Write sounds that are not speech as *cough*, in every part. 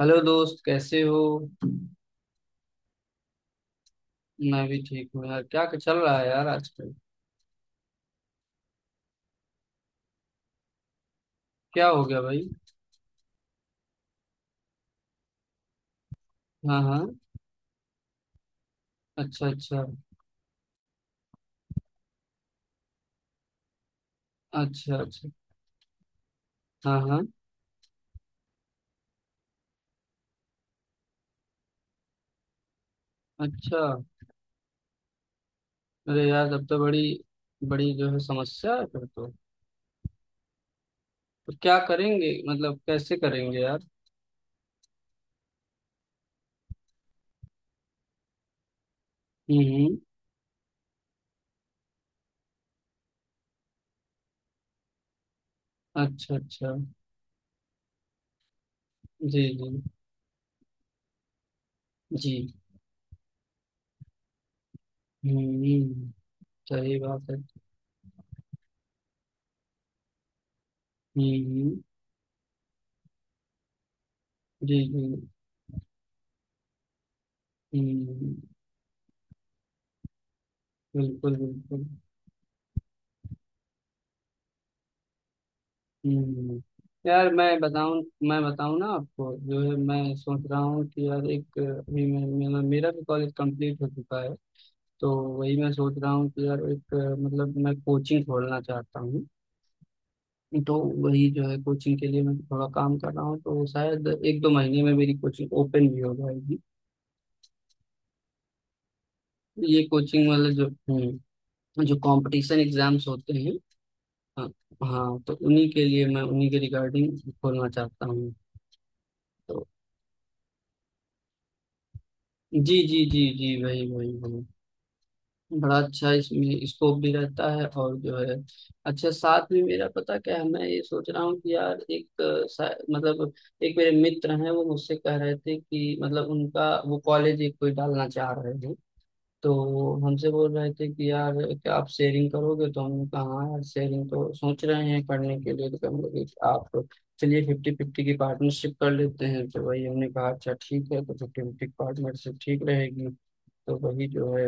Hello दोस्त, कैसे हो? मैं भी ठीक हूँ यार। क्या चल रहा है यार आजकल? क्या हो गया भाई? हाँ हाँ। अच्छा अच्छा। अच्छा अच्छा। हाँ हाँ। अच्छा। अरे यार, तब तो बड़ी बड़ी जो है समस्या है फिर तो। तो क्या करेंगे, मतलब कैसे करेंगे यार? हम्म। अच्छा अच्छा। जी जी जी। हम्म हम्म। सही बात है। हम्म। जी जी। हम्म हम्म। बिल्कुल बिल्कुल। हम्म। यार मैं बताऊं, मैं बताऊं ना आपको, जो है मैं सोच रहा हूँ कि यार एक अभी मैं, मेरा मेरा भी कॉलेज कंप्लीट हो चुका है। तो वही मैं सोच रहा हूँ कि यार एक मतलब मैं कोचिंग खोलना चाहता हूँ। तो वही जो है, कोचिंग के लिए मैं थोड़ा काम कर रहा हूँ, तो शायद एक दो महीने में मेरी कोचिंग ओपन भी हो जाएगी। ये कोचिंग वाले जो, जो कंपटीशन एग्जाम्स होते हैं, हाँ हाँ, तो उन्हीं के लिए मैं उन्हीं के रिगार्डिंग खोलना चाहता हूँ। तो जी जी जी जी, वही वही वही। बड़ा अच्छा, इसमें स्कोप भी रहता है और जो है। अच्छा साथ में मेरा पता क्या है, मैं ये सोच रहा हूँ कि यार एक अ, सा- मतलब एक मेरे मित्र हैं, वो मुझसे कह रहे थे कि मतलब उनका वो कॉलेज एक कोई डालना चाह रहे हैं। तो हमसे बोल रहे थे कि यार क्या आप शेयरिंग करोगे, तो हमने कहा हाँ यार शेयरिंग तो सोच रहे हैं करने के लिए, तो हम लोग आप चलिए फिफ्टी फिफ्टी की पार्टनरशिप कर लेते हैं। तो वही हमने कहा अच्छा ठीक है, तो फिफ्टी फिफ्टी पार्टनरशिप ठीक रहेगी। तो वही जो है,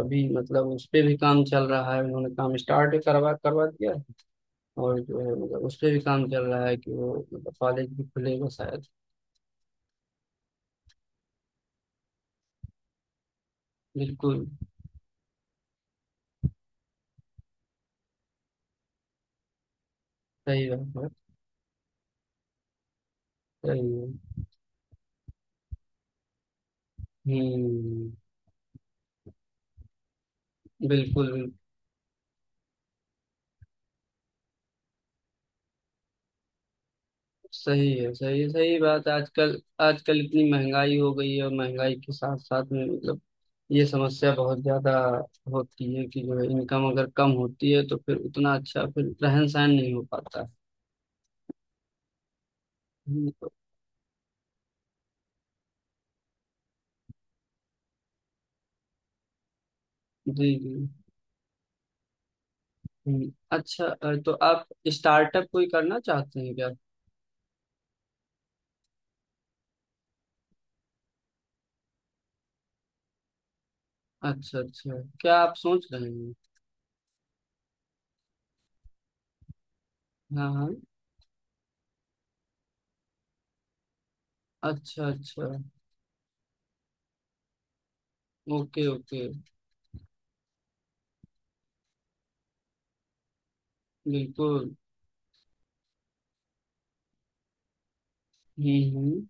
अभी मतलब उस पे भी काम चल रहा है, उन्होंने काम स्टार्ट करवा करवा दिया है। और जो है, मतलब उस पे भी काम चल रहा है कि वो मतलब कॉलेज भी खुलेगा शायद। बिल्कुल। सही बात है। सही है। हम्म। बिल्कुल बिल्कुल। सही है सही है, सही बात है। आजकल आजकल इतनी महंगाई हो गई है, और महंगाई के साथ साथ में मतलब ये समस्या बहुत ज्यादा होती है कि जो है इनकम अगर कम होती है तो फिर उतना अच्छा फिर रहन सहन नहीं हो पाता। तो- जी जी। अच्छा, तो आप स्टार्टअप कोई करना चाहते हैं क्या? अच्छा अच्छा, क्या आप सोच रहे हैं? हाँ हाँ। अच्छा अच्छा। Okay okay. बिल्कुल। हम्म।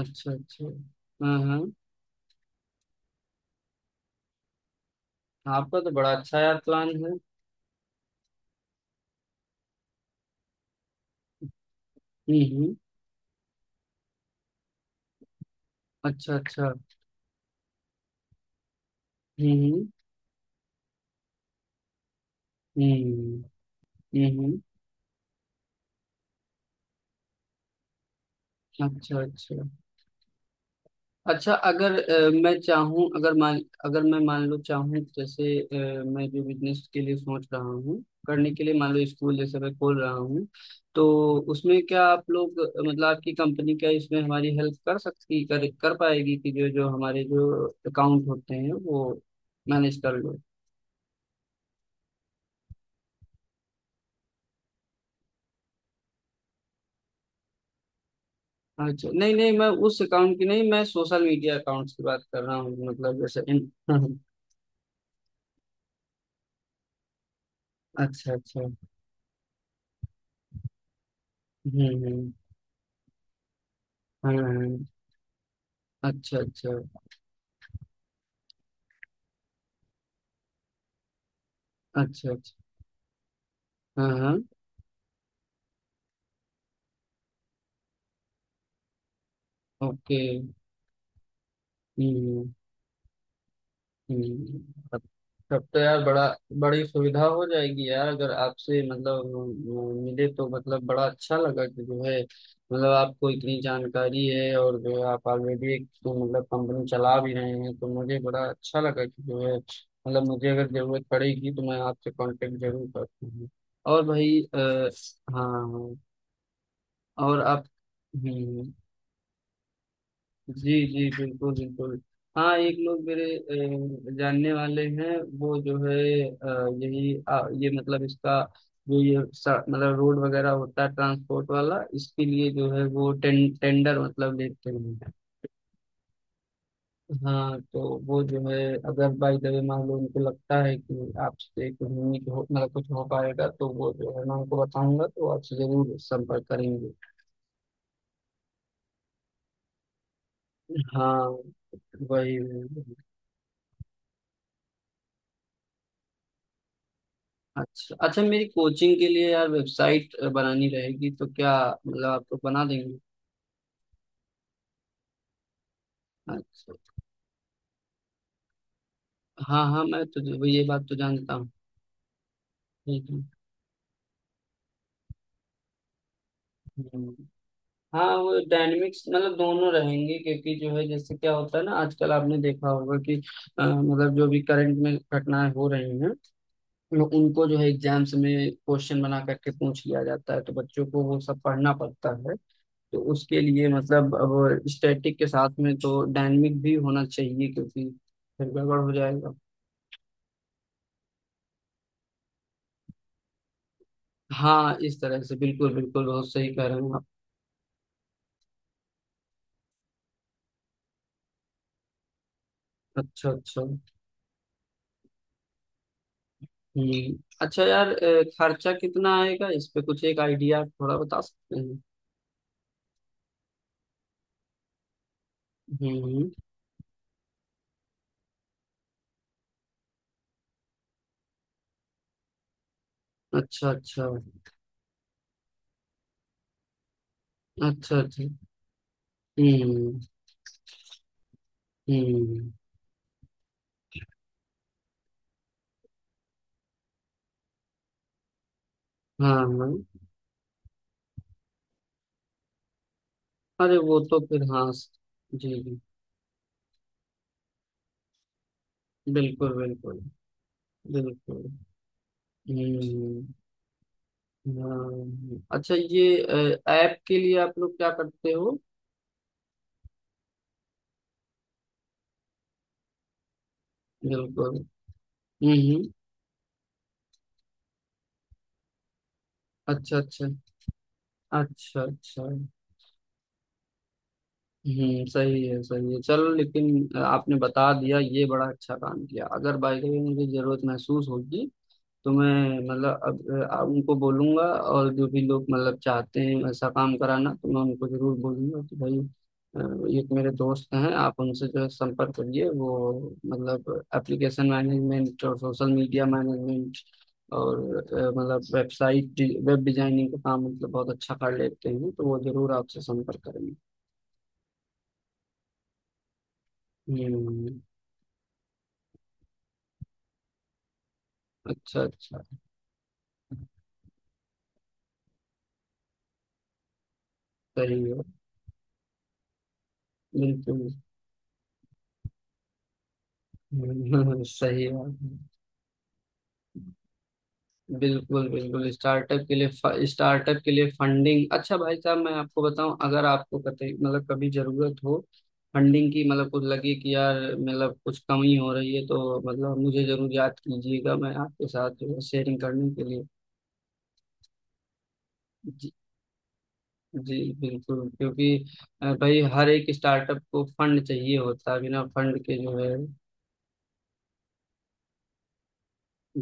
अच्छा अच्छा। हाँ हाँ। आपका तो बड़ा अच्छा यार प्लान है। हुँ, हुँ। अच्छा, अच्छा। हुँ, हुँ। हुँ, हुँ, हुँ। अच्छा, अच्छा। अच्छा अगर मैं चाहूँ, अगर मान, अगर मैं मान लो चाहूँ, जैसे मैं जो बिज़नेस के लिए सोच रहा हूँ, करने के लिए मान लो स्कूल जैसे मैं खोल रहा हूँ, तो उसमें क्या आप लोग, मतलब आपकी कंपनी, क्या इसमें हमारी हेल्प कर सकती, कर कर पाएगी कि जो जो हमारे जो अकाउंट होते हैं वो मैनेज कर लो? अच्छा नहीं नहीं, मैं उस अकाउंट की नहीं, मैं सोशल मीडिया अकाउंट्स की बात कर रहा हूँ, मतलब जैसे *laughs* हाँ, हाँ, अच्छा अच्छा। हम्म। हाँ हाँ, अच्छा अच्छा। अच्छा अच्छा। हाँ हाँ। ओके। हम्म हम्म, तब तब तो यार बड़ा, बड़ी सुविधा हो जाएगी यार। अगर आपसे मतलब मिले तो, मतलब बड़ा अच्छा लगा कि जो है, मतलब आपको इतनी जानकारी है और जो है, आप ऑलरेडी एक तो मतलब कंपनी चला भी रहे हैं, तो मुझे बड़ा अच्छा लगा कि जो है, मतलब मुझे अगर जरूरत पड़ेगी तो मैं आपसे कांटेक्ट जरूर करती हूँ। और भाई हाँ, और आप। हम्म। जी जी बिल्कुल बिल्कुल। हाँ, एक लोग मेरे जानने वाले हैं, वो जो है अ, यही आ, ये मतलब इसका जो ये मतलब रोड वगैरह होता है, ट्रांसपोर्ट वाला, इसके लिए जो है वो टेंडर मतलब लेते हैं। हाँ, तो वो जो है, अगर बाई द वे मान लो उनको लगता है कि आपसे कुछ, नहीं हो मतलब कुछ हो पाएगा, तो वो जो है मैं उनको बताऊंगा तो आपसे जरूर संपर्क करेंगे। हाँ, वही वही। अच्छा अच्छा, मेरी कोचिंग के लिए यार वेबसाइट बनानी रहेगी, तो क्या मतलब आप लोग बना देंगे? अच्छा, हाँ हाँ, मैं तो वो ये बात तो जानता हूँ। ठीक है। हम्म। हाँ, वो डायनेमिक्स मतलब दोनों रहेंगे, क्योंकि जो है जैसे क्या होता है ना, आजकल आपने देखा होगा कि मतलब जो भी करंट में घटनाएं हो रही हैं, उनको जो है एग्जाम्स में क्वेश्चन बना करके पूछ लिया जाता है, तो बच्चों को वो सब पढ़ना पड़ता है। तो उसके लिए मतलब अब स्टैटिक के साथ में तो डायनेमिक भी होना चाहिए, क्योंकि फिर गड़बड़ हो जाएगा। हाँ, इस तरह से, बिल्कुल बिल्कुल, बहुत सही कह रहे हैं आप। अच्छा अच्छा। हम्म। अच्छा यार, खर्चा कितना आएगा इस पे, कुछ एक आइडिया थोड़ा बता सकते हैं? हम्म। अच्छा अच्छा। अच्छा अच्छा। हम्म हम्म। हाँ हाँ। अरे वो तो फिर, हाँ, जी जी, बिल्कुल बिल्कुल। बिल्कुल। हम्म अच्छा ये ऐप के लिए आप लोग क्या करते हो? बिल्कुल। हम्म। अच्छा अच्छा। अच्छा अच्छा। हम्म, सही है सही है। चलो लेकिन आपने बता दिया ये बड़ा अच्छा काम किया। अगर बाई द वे मुझे जरूरत महसूस होगी तो मैं मतलब अब उनको बोलूंगा, और जो भी लोग मतलब चाहते हैं ऐसा काम कराना तो मैं उनको जरूर बोलूंगा कि भाई, एक मेरे दोस्त हैं, आप उनसे जो है संपर्क करिए, वो मतलब एप्लीकेशन मैनेजमेंट और सोशल मीडिया मैनेजमेंट और मतलब वेबसाइट, वेब डिजाइनिंग का काम मतलब बहुत अच्छा कर लेते हैं, तो वो जरूर आपसे संपर्क करेंगे। हम्म। अच्छा अच्छा। सही है। बिल्कुल। *laughs* सही है। बिल्कुल बिल्कुल। स्टार्टअप के लिए फंडिंग, अच्छा भाई साहब मैं आपको बताऊं, अगर आपको कतई मतलब कभी जरूरत हो फंडिंग की, मतलब कुछ लगे कि यार मतलब कुछ कमी हो रही है, तो मतलब मुझे जरूर याद कीजिएगा, मैं आपके साथ शेयरिंग करने के लिए। जी जी बिल्कुल, क्योंकि भाई हर एक स्टार्टअप को फंड चाहिए होता है, बिना फंड के जो है।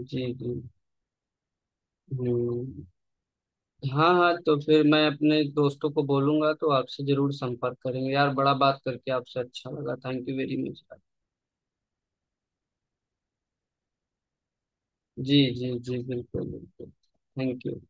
जी जी। हम्म। हाँ हाँ, तो फिर मैं अपने दोस्तों को बोलूंगा तो आपसे जरूर संपर्क करेंगे। यार बड़ा, बात करके आपसे अच्छा लगा, थैंक यू वेरी मच। जी जी जी, बिल्कुल बिल्कुल। Thank you.